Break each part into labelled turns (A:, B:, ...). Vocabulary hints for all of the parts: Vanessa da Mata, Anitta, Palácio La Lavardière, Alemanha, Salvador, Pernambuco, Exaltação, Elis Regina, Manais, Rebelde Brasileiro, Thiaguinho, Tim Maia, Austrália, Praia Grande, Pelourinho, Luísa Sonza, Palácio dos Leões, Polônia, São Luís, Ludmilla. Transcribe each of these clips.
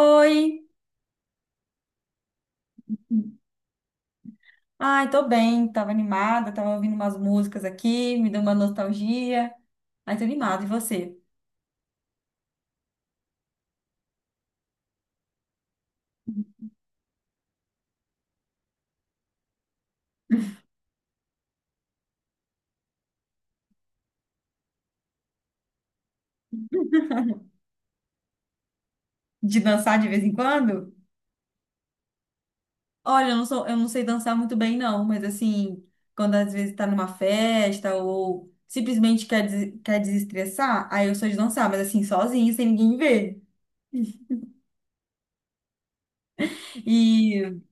A: Oi! Ai, tô bem, tava animada, tava ouvindo umas músicas aqui, me deu uma nostalgia. Ai, tô animada, e você? De dançar de vez em quando? Olha, eu não sou, eu não sei dançar muito bem, não, mas assim, quando às vezes tá numa festa ou simplesmente quer desestressar, aí eu sou de dançar, mas assim, sozinha, sem ninguém ver.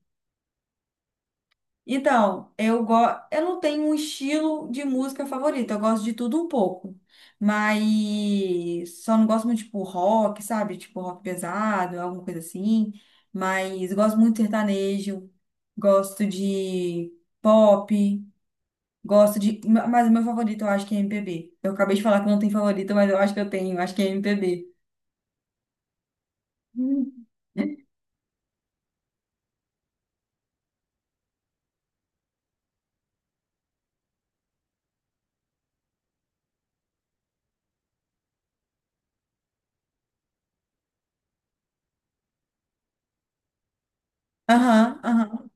A: Então, eu não tenho um estilo de música favorito, eu gosto de tudo um pouco. Mas só não gosto muito de tipo, rock, sabe? Tipo rock pesado, alguma coisa assim. Mas gosto muito de sertanejo, gosto de pop, mas o meu favorito eu acho que é MPB. Eu acabei de falar que não tem favorito, mas eu acho que eu tenho, eu acho que é MPB. Hum. Aham, aham.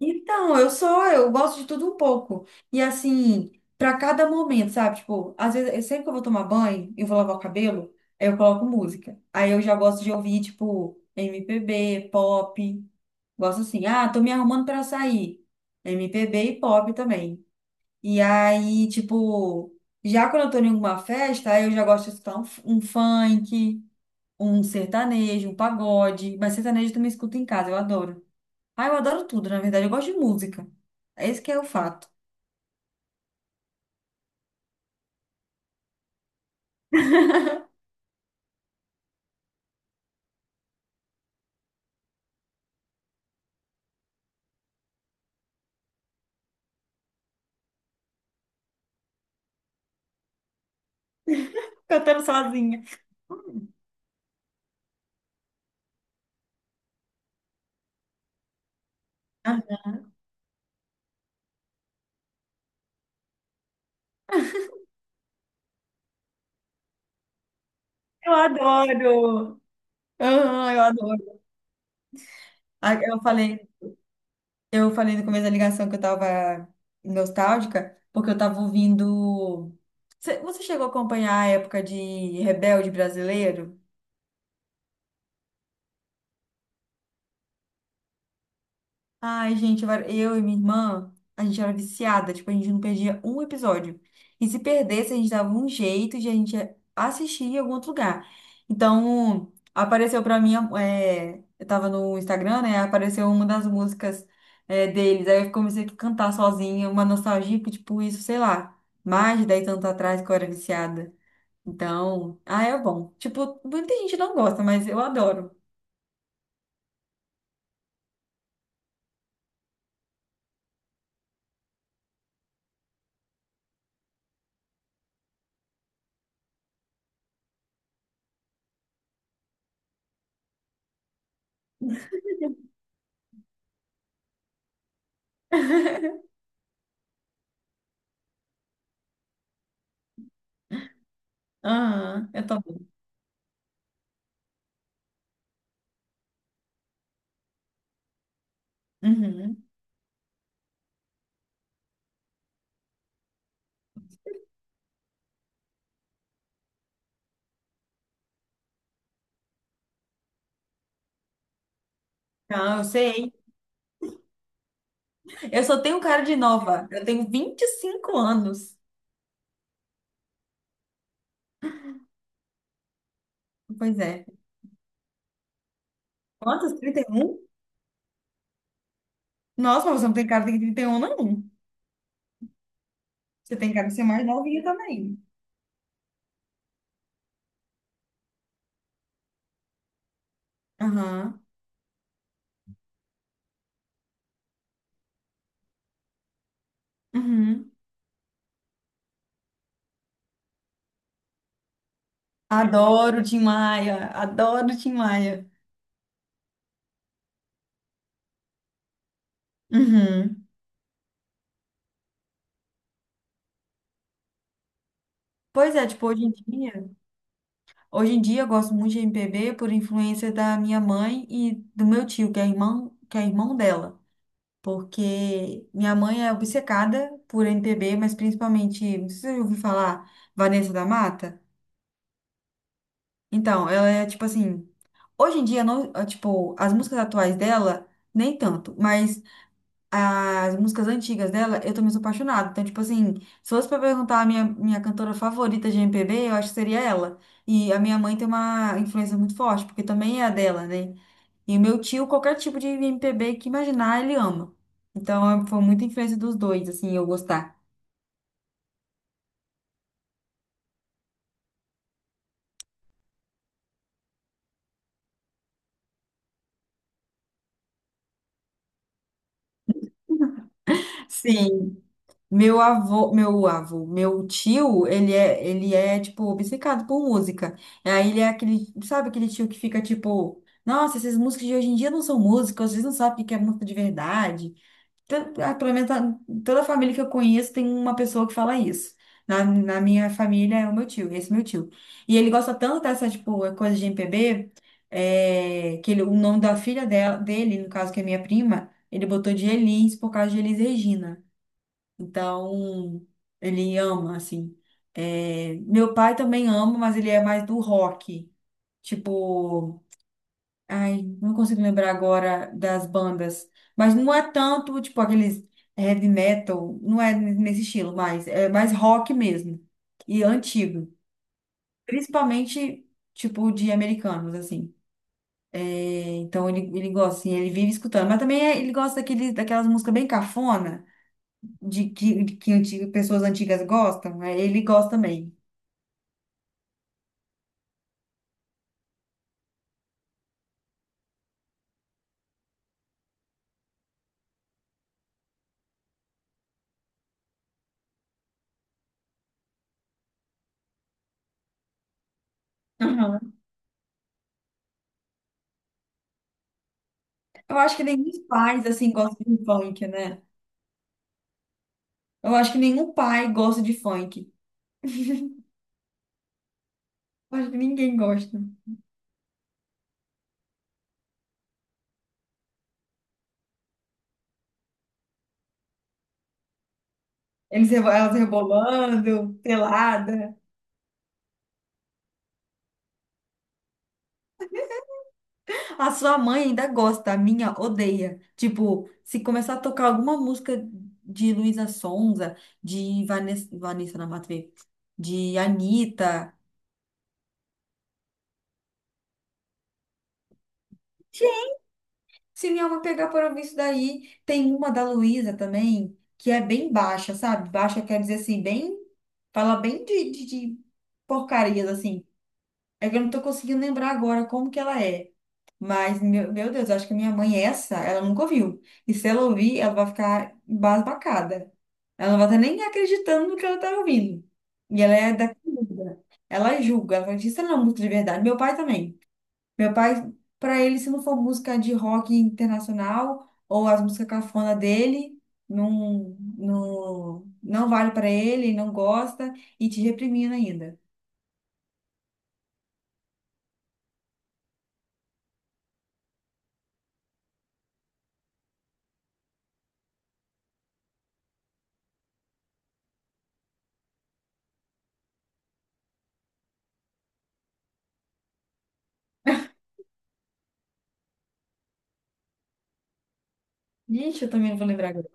A: Então, eu só, eu gosto de tudo um pouco. E assim, pra cada momento, sabe? Tipo, às vezes, sempre que eu vou tomar banho, eu vou lavar o cabelo, aí eu coloco música. Aí eu já gosto de ouvir, tipo, MPB, pop. Gosto assim, ah, tô me arrumando pra sair. MPB e pop também. E aí, tipo, já quando eu tô em alguma festa, aí eu já gosto de escutar um funk, um sertanejo, um pagode. Mas sertanejo eu também escuto em casa, eu adoro. Ah, eu adoro tudo, na verdade. Eu gosto de música. É esse que é o fato. Cantando sozinha. Hum. Ah, eu adoro! Ah, eu adoro. Ah, eu falei, eu falei no começo da ligação que eu tava nostálgica, porque eu tava ouvindo. Você chegou a acompanhar a época de Rebelde Brasileiro? Ai, gente, eu e minha irmã, a gente era viciada, tipo, a gente não perdia um episódio. E se perdesse, a gente dava um jeito de a gente assistir em algum outro lugar. Então, apareceu pra mim, é, eu tava no Instagram, né? Apareceu uma das músicas, é, deles. Aí eu comecei a cantar sozinha, uma nostalgia, porque, tipo, isso, sei lá, mais de 10 anos atrás que eu era viciada. Então, ah, é bom. Tipo, muita gente não gosta, mas eu adoro. Aham, eu também. Uhum. Não, eu sei. Eu só tenho cara de nova. Eu tenho 25 anos. Pois é. Quantos? 31? Nossa, mas você não tem cara de 31, não. Você tem cara de ser mais novinha também. Aham. Uhum. Adoro Tim Maia. Adoro Tim Maia. Uhum. Pois é, tipo, hoje em dia eu gosto muito de MPB por influência da minha mãe e do meu tio, que é irmão dela. Porque minha mãe é obcecada por MPB, mas principalmente, não sei se você já ouviu falar, Vanessa da Mata? Então, ela é tipo assim, hoje em dia não, ah, tipo, as músicas atuais dela nem tanto, mas as músicas antigas dela eu também sou apaixonada. Então, tipo assim, se fosse pra perguntar a minha cantora favorita de MPB, eu acho que seria ela. E a minha mãe tem uma influência muito forte, porque também é a dela, né? E o meu tio, qualquer tipo de MPB que imaginar, ele ama. Então, foi muita influência dos dois, assim, eu gostar. Sim. Meu avô, meu avô, meu tio, ele é, tipo, obcecado por música. E aí ele é aquele, sabe aquele tio que fica, tipo, nossa, essas músicas de hoje em dia não são músicas, vocês não sabem o que é música de verdade. Tan- ah, Pelo menos tá- toda a família que eu conheço tem uma pessoa que fala isso. Na minha família é o meu tio, esse meu tio. E ele gosta tanto dessa, tipo, coisa de MPB, é, o nome da filha dela, dele, no caso, que é minha prima, ele botou de Elis por causa de Elis Regina. Então, ele ama, assim. É, meu pai também ama, mas ele é mais do rock. Tipo, ai, não consigo lembrar agora das bandas. Mas não é tanto, tipo, aqueles heavy metal, não é nesse estilo, mas é mais rock mesmo. E antigo. Principalmente, tipo, de americanos, assim. É, então, ele gosta, assim, ele vive escutando. Mas também é- ele gosta daquele, daquelas músicas bem cafona. De que, de que antiga- pessoas antigas gostam, né? Ele gosta também. Aham. Eu acho que nenhum pai assim, gosta de funk, né? Eu acho que nenhum pai gosta de funk. Eu acho que ninguém gosta. Elas rebolando, pelada. A sua mãe ainda gosta, a minha odeia. Tipo, se começar a tocar alguma música de Luísa Sonza, de Vanessa na Matuê, de Anitta. Se minha alma pegar para ouvir isso daí, tem uma da Luísa também, que é bem baixa, sabe? Baixa quer dizer assim, bem. Fala bem de, de porcarias, assim. É que eu não tô conseguindo lembrar agora como que ela é. Mas, meu Deus, acho que a minha mãe, é essa, ela nunca ouviu. E se ela ouvir, ela vai ficar embasbacada. Ela não vai estar nem acreditando no que ela tá ouvindo. E ela é da. Ela julga, ela diz, isso não é música de verdade. Meu pai também. Meu pai, pra ele, se não for música de rock internacional ou as músicas cafona dele, não, não, não vale pra ele, ele não gosta e te reprimindo ainda. Gente, eu também não vou lembrar agora.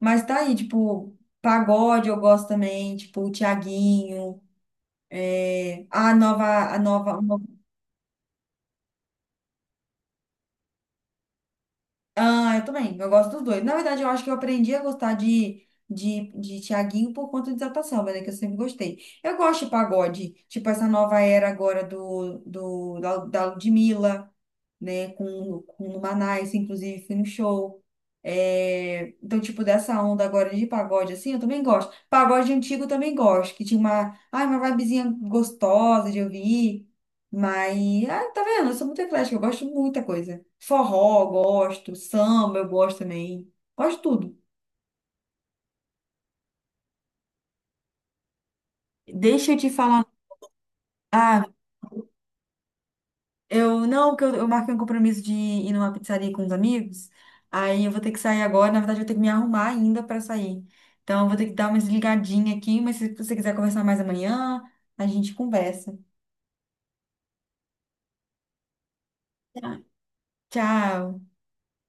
A: Mas tá aí, tipo, pagode eu gosto também, tipo, o Thiaguinho, é, a nova, ah, eu também. Eu gosto dos dois. Na verdade, eu acho que eu aprendi a gostar de Thiaguinho por conta de Exaltação, mas é que eu sempre gostei. Eu gosto de pagode, tipo essa nova era agora da Ludmilla, né? Com o Manais, inclusive, fui no show. É, então, tipo, dessa onda agora de pagode, assim, eu também gosto. Pagode antigo eu também gosto, que tinha uma, ai, uma vibezinha gostosa de ouvir. Mas, ah, tá vendo? Eu sou muito eclética, eu gosto de muita coisa. Forró, eu gosto. Samba, eu gosto também. Gosto de tudo. Deixa eu te falar. Ah, eu não, porque eu marquei um compromisso de ir numa pizzaria com os amigos. Aí eu vou ter que sair agora. Na verdade, eu vou ter que me arrumar ainda para sair. Então, eu vou ter que dar uma desligadinha aqui. Mas se você quiser conversar mais amanhã, a gente conversa. Tá. Tchau.